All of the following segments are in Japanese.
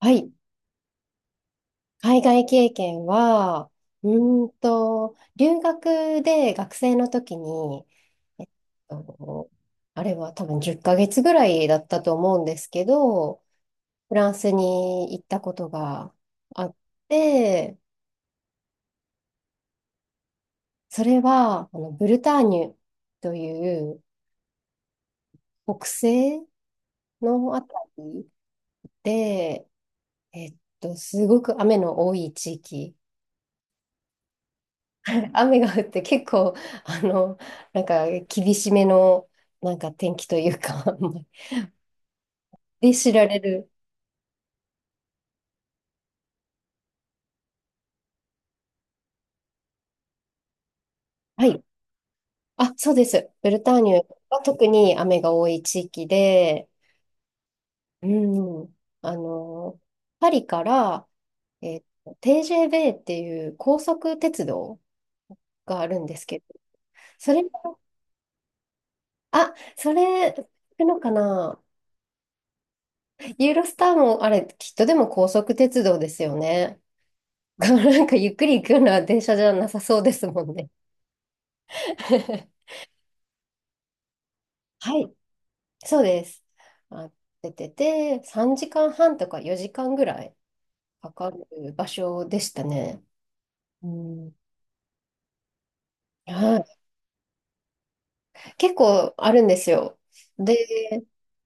はい。海外経験は、う留学で学生の時に、えっと、あれは多分10ヶ月ぐらいだったと思うんですけど、フランスに行ったことがあって、それは、ブルターニュという北西のあたりで、すごく雨の多い地域。雨が降って結構、あの、なんか厳しめの、なんか天気というか で知られる。はい。あ、そうです。ブルターニュは特に雨が多い地域で、うん、パリから、t ベ v っていう高速鉄道があるんですけど、それが、あ、それ、行くのかな。ユーロスターも、あれ、きっとでも高速鉄道ですよね。なんかゆっくり行くような電車じゃなさそうですもんね。はい、そうです。あ、出てて、3時間半とか4時間ぐらいかかる場所でしたね。うん、はい、結構あるんですよ。で、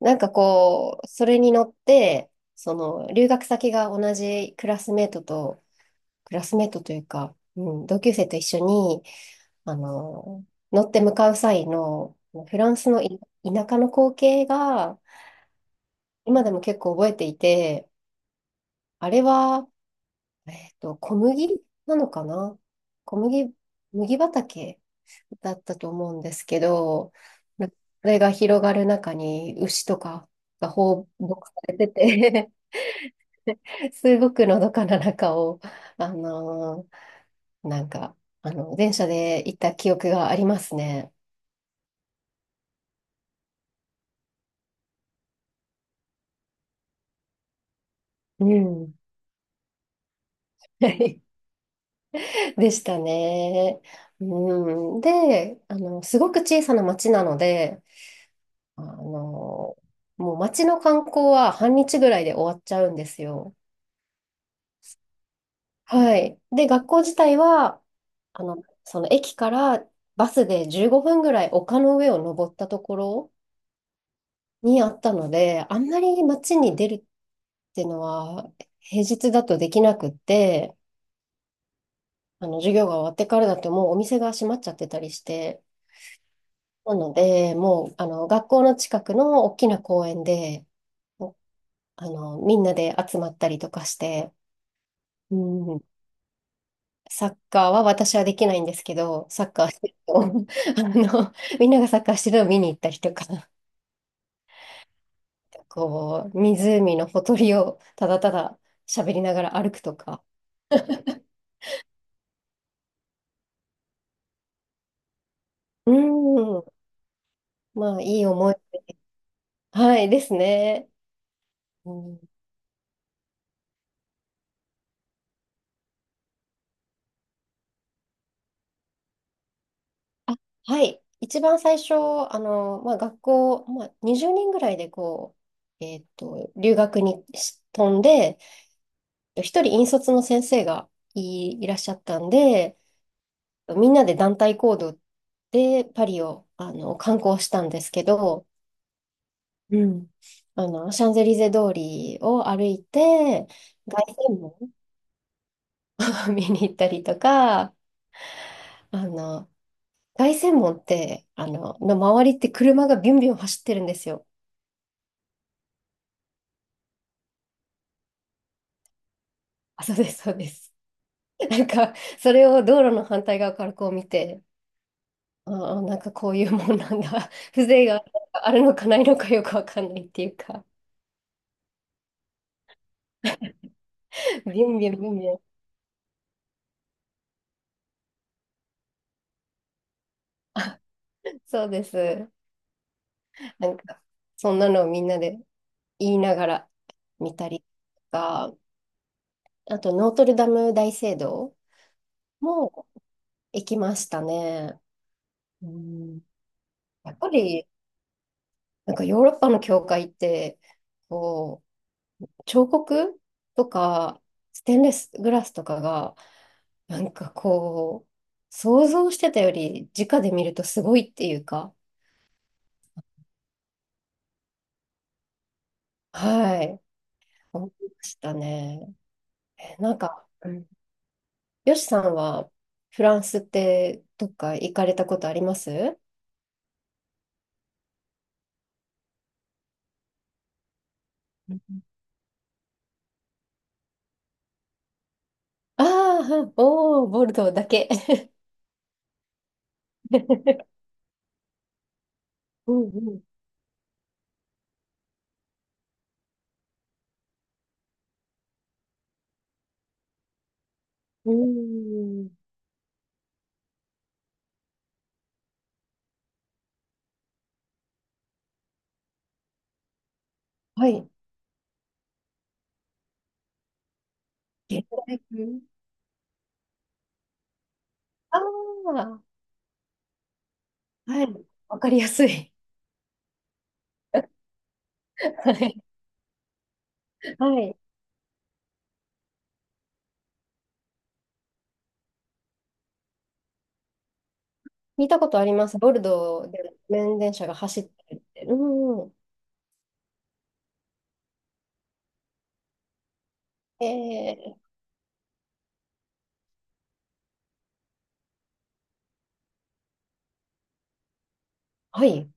なんかこう、それに乗って、その留学先が同じクラスメートと、クラスメートというか、うん、同級生と一緒に、あの、乗って向かう際のフランスの田舎の光景が今でも結構覚えていて、あれは、小麦なのかな、小麦、麦畑だったと思うんですけど、なそれが広がる中に牛とかが放牧されてて すごくのどかな中を、あのなんか、電車で行った記憶がありますね。うん。でしたね。うん、で、すごく小さな町なので、あの、もう町の観光は半日ぐらいで終わっちゃうんですよ。はい。で、学校自体は、その駅からバスで15分ぐらい丘の上を登ったところにあったので、あんまり街に出るっていうのは平日だとできなくって、授業が終わってからだともうお店が閉まっちゃってたりして、なので、もう、学校の近くの大きな公園で、もうあの、みんなで集まったりとかして、うん、サッカーは私はできないんですけど、サッカーしてると、みんながサッカーしてるのを見に行ったりとか、こう、湖のほとりをただただ喋りながら歩くとか、うん、まあ、いい思い、はい、ですね。うん。あ、はい。一番最初、まあ、学校、まあ、20人ぐらいでこう、留学に飛んで、一人引率の先生がいらっしゃったんで、みんなで団体行動でパリを、観光したんですけど、うん。シャンゼリゼ通りを歩いて、凱旋門を 見に行ったりとか、あの、凱旋門って、の周りって車がビュンビュン走ってるんですよ。あ、そうです、そうです。なんか、それを道路の反対側からこう見て、ああ、なんかこういうもんなんだ。風情があるのかないのかよくわかんないっていうか、ビュンビュンビュンビュン。そうです。なんか、そんなのをみんなで言いながら見たりとか、あと、ノートルダム大聖堂も行きましたね。うん、やっぱり、なんかヨーロッパの教会って、こう、彫刻とか、ステンレスグラスとかが、なんかこう、想像してたより直で見るとすごいっていうか、はい、思いましたね。なんか、うん、よしさんはフランスってどっか行かれたことあります？ああー、はい、おー、ボルドーだけ。うんうん。うーん。はい。現代風ああー、はい。わかりやすい。はい。はい。聞いたことあります。ボルドーで路面電車が走ってるって。うん。ええ、はい。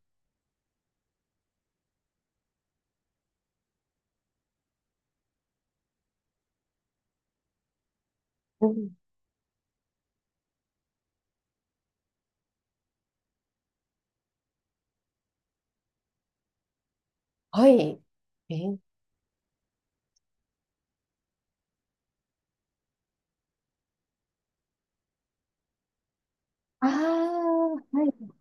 うん。はい。えー、ああー、は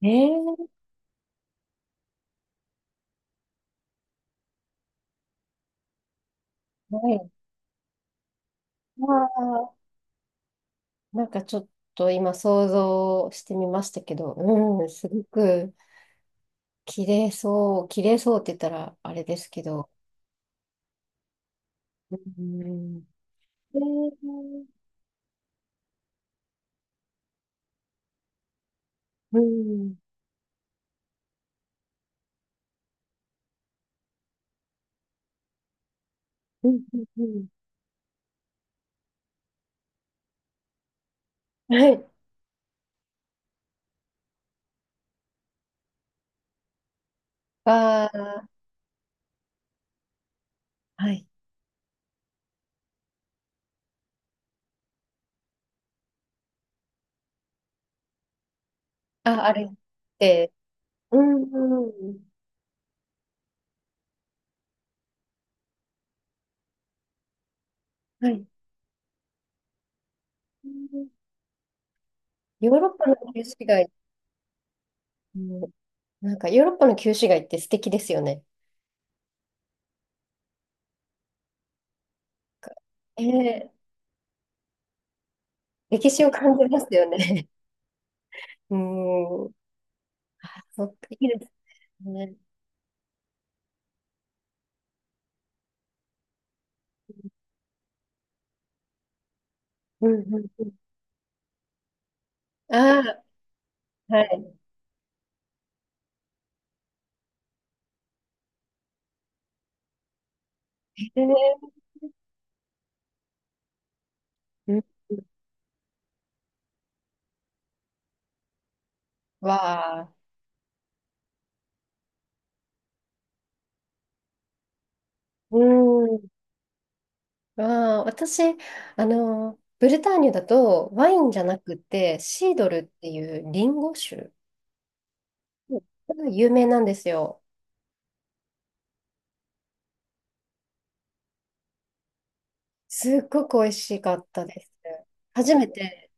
い。えー、はい。ああ、なんかちょっと今想像してみましたけど、うん、すごく綺麗そう、綺麗そうって言ったらあれですけど、うん、え、うん、うん、うん、うん、はい、あー、はい、あ、あれって、うん、うん、はい、ヨーロッパの旧市街、なんかヨーロッパの旧市街って素敵ですよね。えー、歴史を感じますよね。うーん。そっか、いいですね。うんうんうん。ああ、はい。えー、うんうん、わあ、うん。わあ、私、ブルターニュだとワインじゃなくてシードルっていうリンゴ酒が有名なんですよ。すっごく美味しかったです。初めて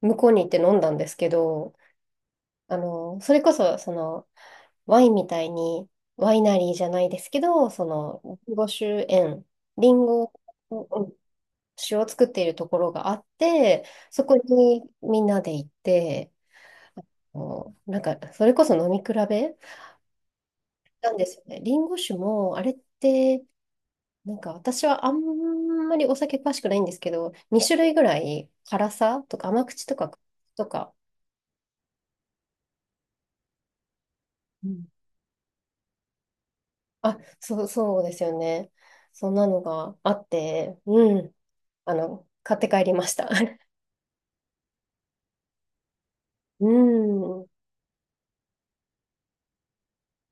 向こうに行って飲んだんですけど、それこそ、その、ワインみたいに、ワイナリーじゃないですけど、その、リンゴ酒園、リンゴうん酒を作っているところがあって、そこにみんなで行って、もうなんか、それこそ飲み比べなんですよね。リンゴ酒も、あれって、なんか私はあんまりお酒詳しくないんですけど、2種類ぐらい辛さとか甘口とか、とか、うん、あ、そう、そうですよね。そんなのがあって、うん。買って帰りました。うん。